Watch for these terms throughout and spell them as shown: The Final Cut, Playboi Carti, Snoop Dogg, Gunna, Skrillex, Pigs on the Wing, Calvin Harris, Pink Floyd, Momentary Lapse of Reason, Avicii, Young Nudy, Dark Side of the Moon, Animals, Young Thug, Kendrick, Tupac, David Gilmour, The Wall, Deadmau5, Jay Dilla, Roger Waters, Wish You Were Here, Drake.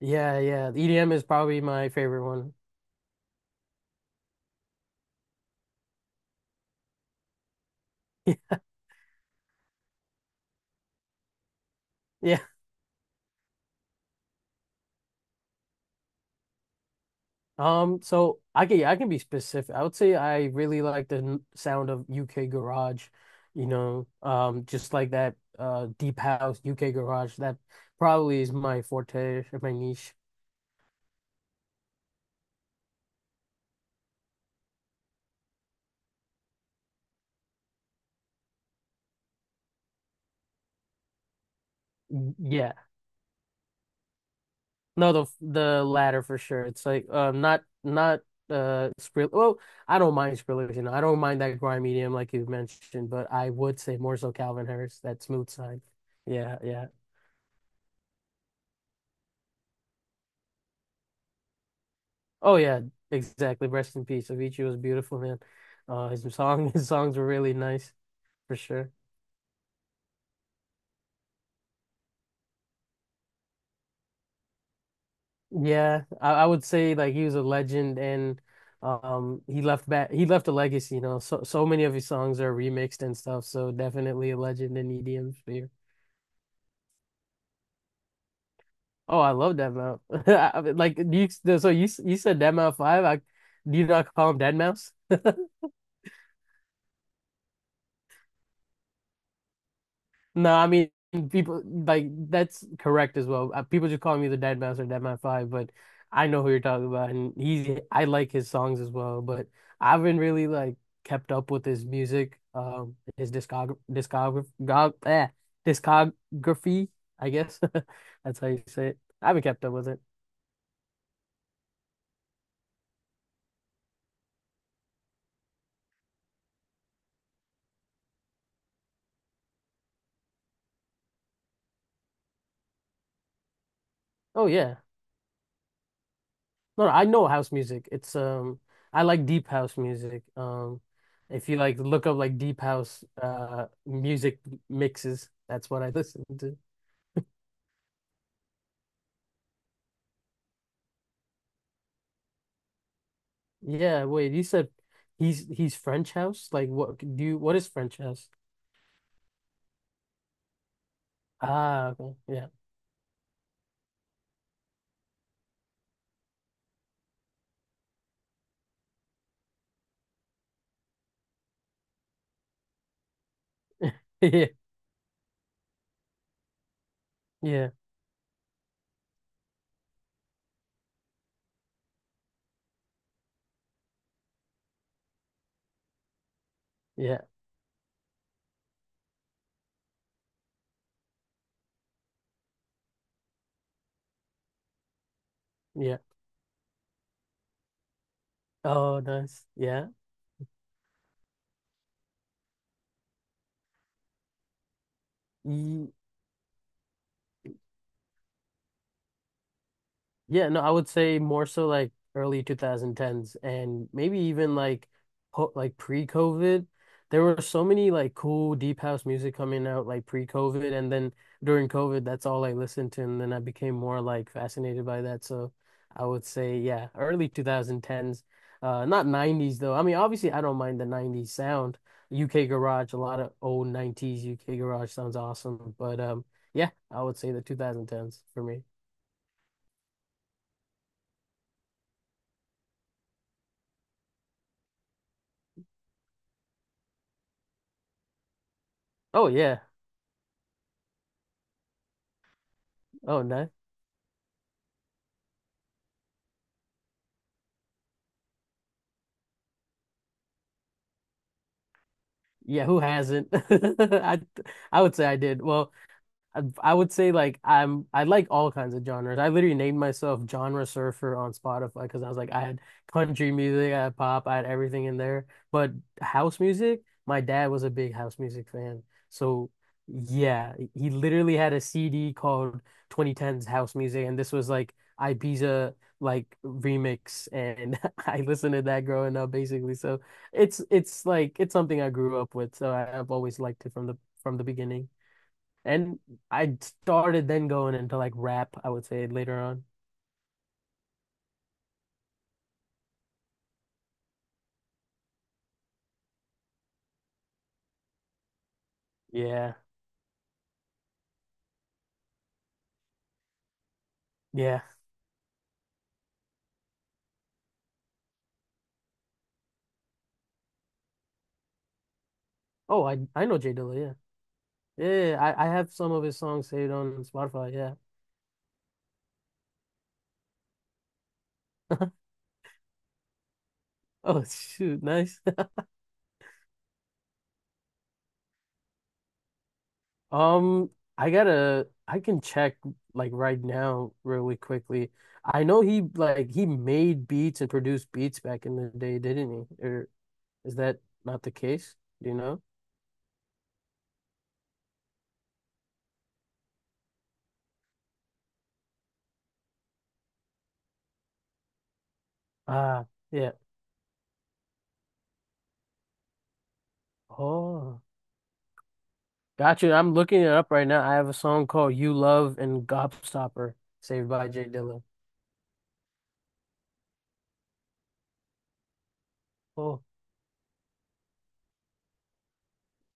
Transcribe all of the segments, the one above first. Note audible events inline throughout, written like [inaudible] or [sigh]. Yeah, yeah. The EDM is probably my favorite one. [laughs] Yeah. So I can yeah, I can be specific. I would say I really like the sound of UK garage, just like that deep house UK garage. That probably is my forte or my niche. Yeah. No, the latter for sure. It's like, not not Skrill well, I don't mind Skrillex, you know. I don't mind that grime medium like you mentioned, but I would say more so Calvin Harris, that smooth side. Yeah, yeah. Oh yeah, exactly. Rest in peace. Avicii was beautiful, man. [laughs] His songs were really nice for sure. Yeah, I would say like he was a legend, and he left a legacy. So many of his songs are remixed and stuff. So definitely a legend in EDM sphere. Oh, I love Deadmau5. [laughs] I mean, Like do you, so you said Deadmau5. Do you not call him Deadmau5? No, I mean people like that's correct as well. People just call me the Dead Mouse or Dead Man Five, but I know who you're talking about, and he's I like his songs as well. But I haven't really like kept up with his music, his discography, I guess. [laughs] That's how you say it. I haven't kept up with it. Oh yeah. No, no, I know house music. It's I like deep house music. If you like look up like deep house music mixes, that's what I [laughs] listen to. Yeah, wait, you said he's French house? Like what do you what is French house? Ah, okay. Yeah. [laughs] Yeah. Yeah. Yeah. Yeah. Oh, nice. Yeah. Yeah, no, I would say more so like early 2010s and maybe even like po like pre-COVID. There were so many like cool deep house music coming out like pre-COVID, and then during COVID that's all I listened to, and then I became more like fascinated by that. So I would say, yeah, early 2010s. Not 90s though. I mean obviously I don't mind the 90s sound. UK garage, a lot of old 90s UK garage sounds awesome, but yeah, I would say the 2010s for me. Oh yeah. Oh, nice. Yeah, who hasn't? [laughs] I would say I did. Well, I would say like I like all kinds of genres. I literally named myself genre surfer on Spotify because I was like I had country music, I had pop, I had everything in there. But house music, my dad was a big house music fan. So yeah, he literally had a CD called 2010's House Music, and this was like Ibiza like remix, and [laughs] I listened to that growing up basically. So it's like it's something I grew up with. So I've always liked it from the beginning. And I started then going into like rap, I would say, later on. Yeah. Yeah. Oh, I know Jay Dilla, yeah. Yeah, yeah, I have some of his songs saved on Spotify, yeah. [laughs] Oh, shoot, nice. [laughs] Um, I can check like right now really quickly. I know he made beats and produced beats back in the day, didn't he? Or is that not the case? Do you know? Ah, yeah. Oh. Got you. I'm looking it up right now. I have a song called You Love and Gobstopper, saved by Jay Dilla. Oh,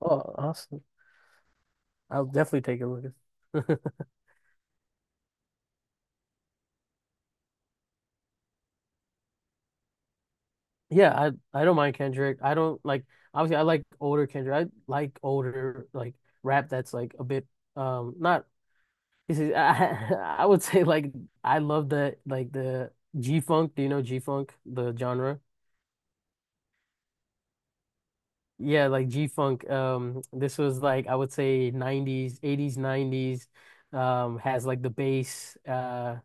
oh, awesome. I'll definitely take a look. [laughs] Yeah, I don't mind Kendrick. I don't like. Obviously, I like older Kendrick. I like older like rap that's like a bit, not this is I, [laughs] I would say like I love the G-funk. Do you know G-funk, the genre? Yeah, like G-Funk. This was like I would say 90s, 80s, 90s. Has like the bass,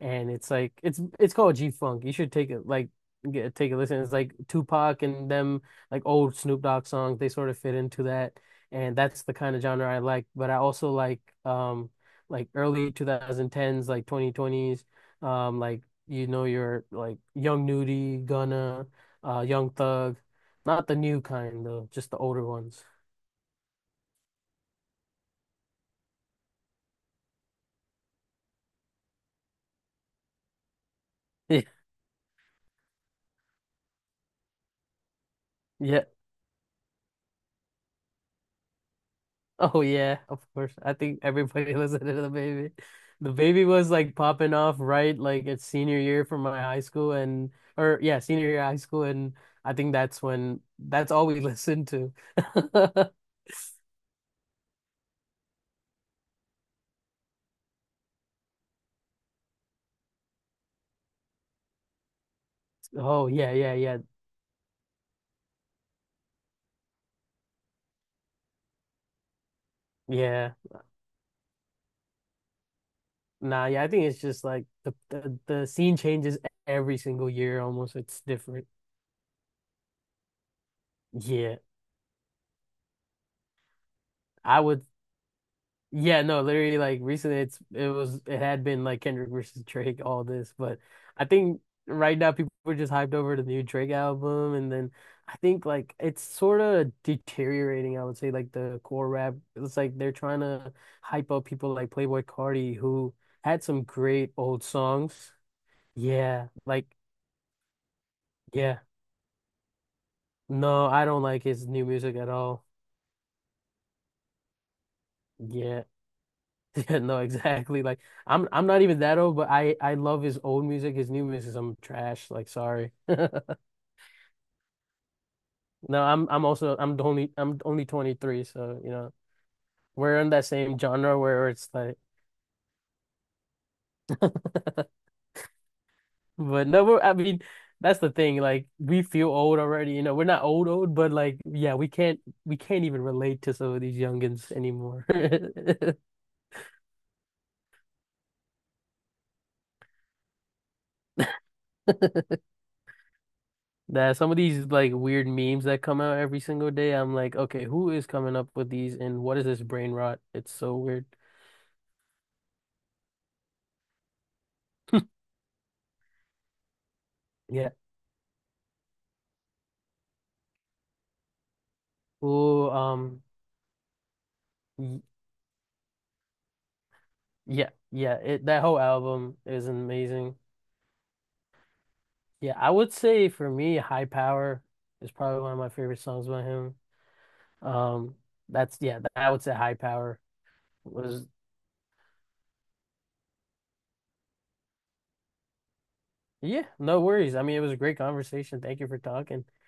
and it's called G-Funk. You should take a listen. It's like Tupac and them like old Snoop Dogg songs. They sort of fit into that, and that's the kind of genre I like. But I also like, like early 2010s, like 2020s, um like your like Young Nudy, Gunna, Young Thug. Not the new kind though, just the older ones. Yeah, yeah. Oh yeah, of course. I think everybody [laughs] listened to the baby. The baby was like popping off, right, like it's senior year for my high school and or yeah, senior year high school, and I think that's all we listened to. [laughs] Oh yeah, yeah, yeah. Yeah. Nah, yeah, I think it's just like the scene changes every single year almost. It's different. Yeah. I would Yeah, no, literally like recently it's it was it had been like Kendrick versus Drake, all this. But I think right now people are just hyped over the new Drake album, and then I think like it's sort of deteriorating, I would say, like the core rap. It's like they're trying to hype up people like Playboi Carti, who had some great old songs. Yeah, like yeah. No, I don't like his new music at all. Yeah. [laughs] Yeah, no, exactly. Like I'm not even that old, but I love his old music. His new music, I'm trash. Like sorry. No, I'm also I'm the only I'm only 23, so we're in that same genre where it's like— [laughs] But no, I mean that's the thing. Like we feel old already. You know, we're not old old, but like yeah, we can't even relate to some of these youngins anymore. [laughs] That some of these like weird memes that come out every single day, I'm like, okay, who is coming up with these and what is this brain rot? It's so weird. Yeah. Oh, y- yeah, yeah. It That whole album is amazing. Yeah, I would say for me, High Power is probably one of my favorite songs by him. Um, that's yeah, I would say High Power was. Yeah, no worries. I mean, it was a great conversation. Thank you for talking.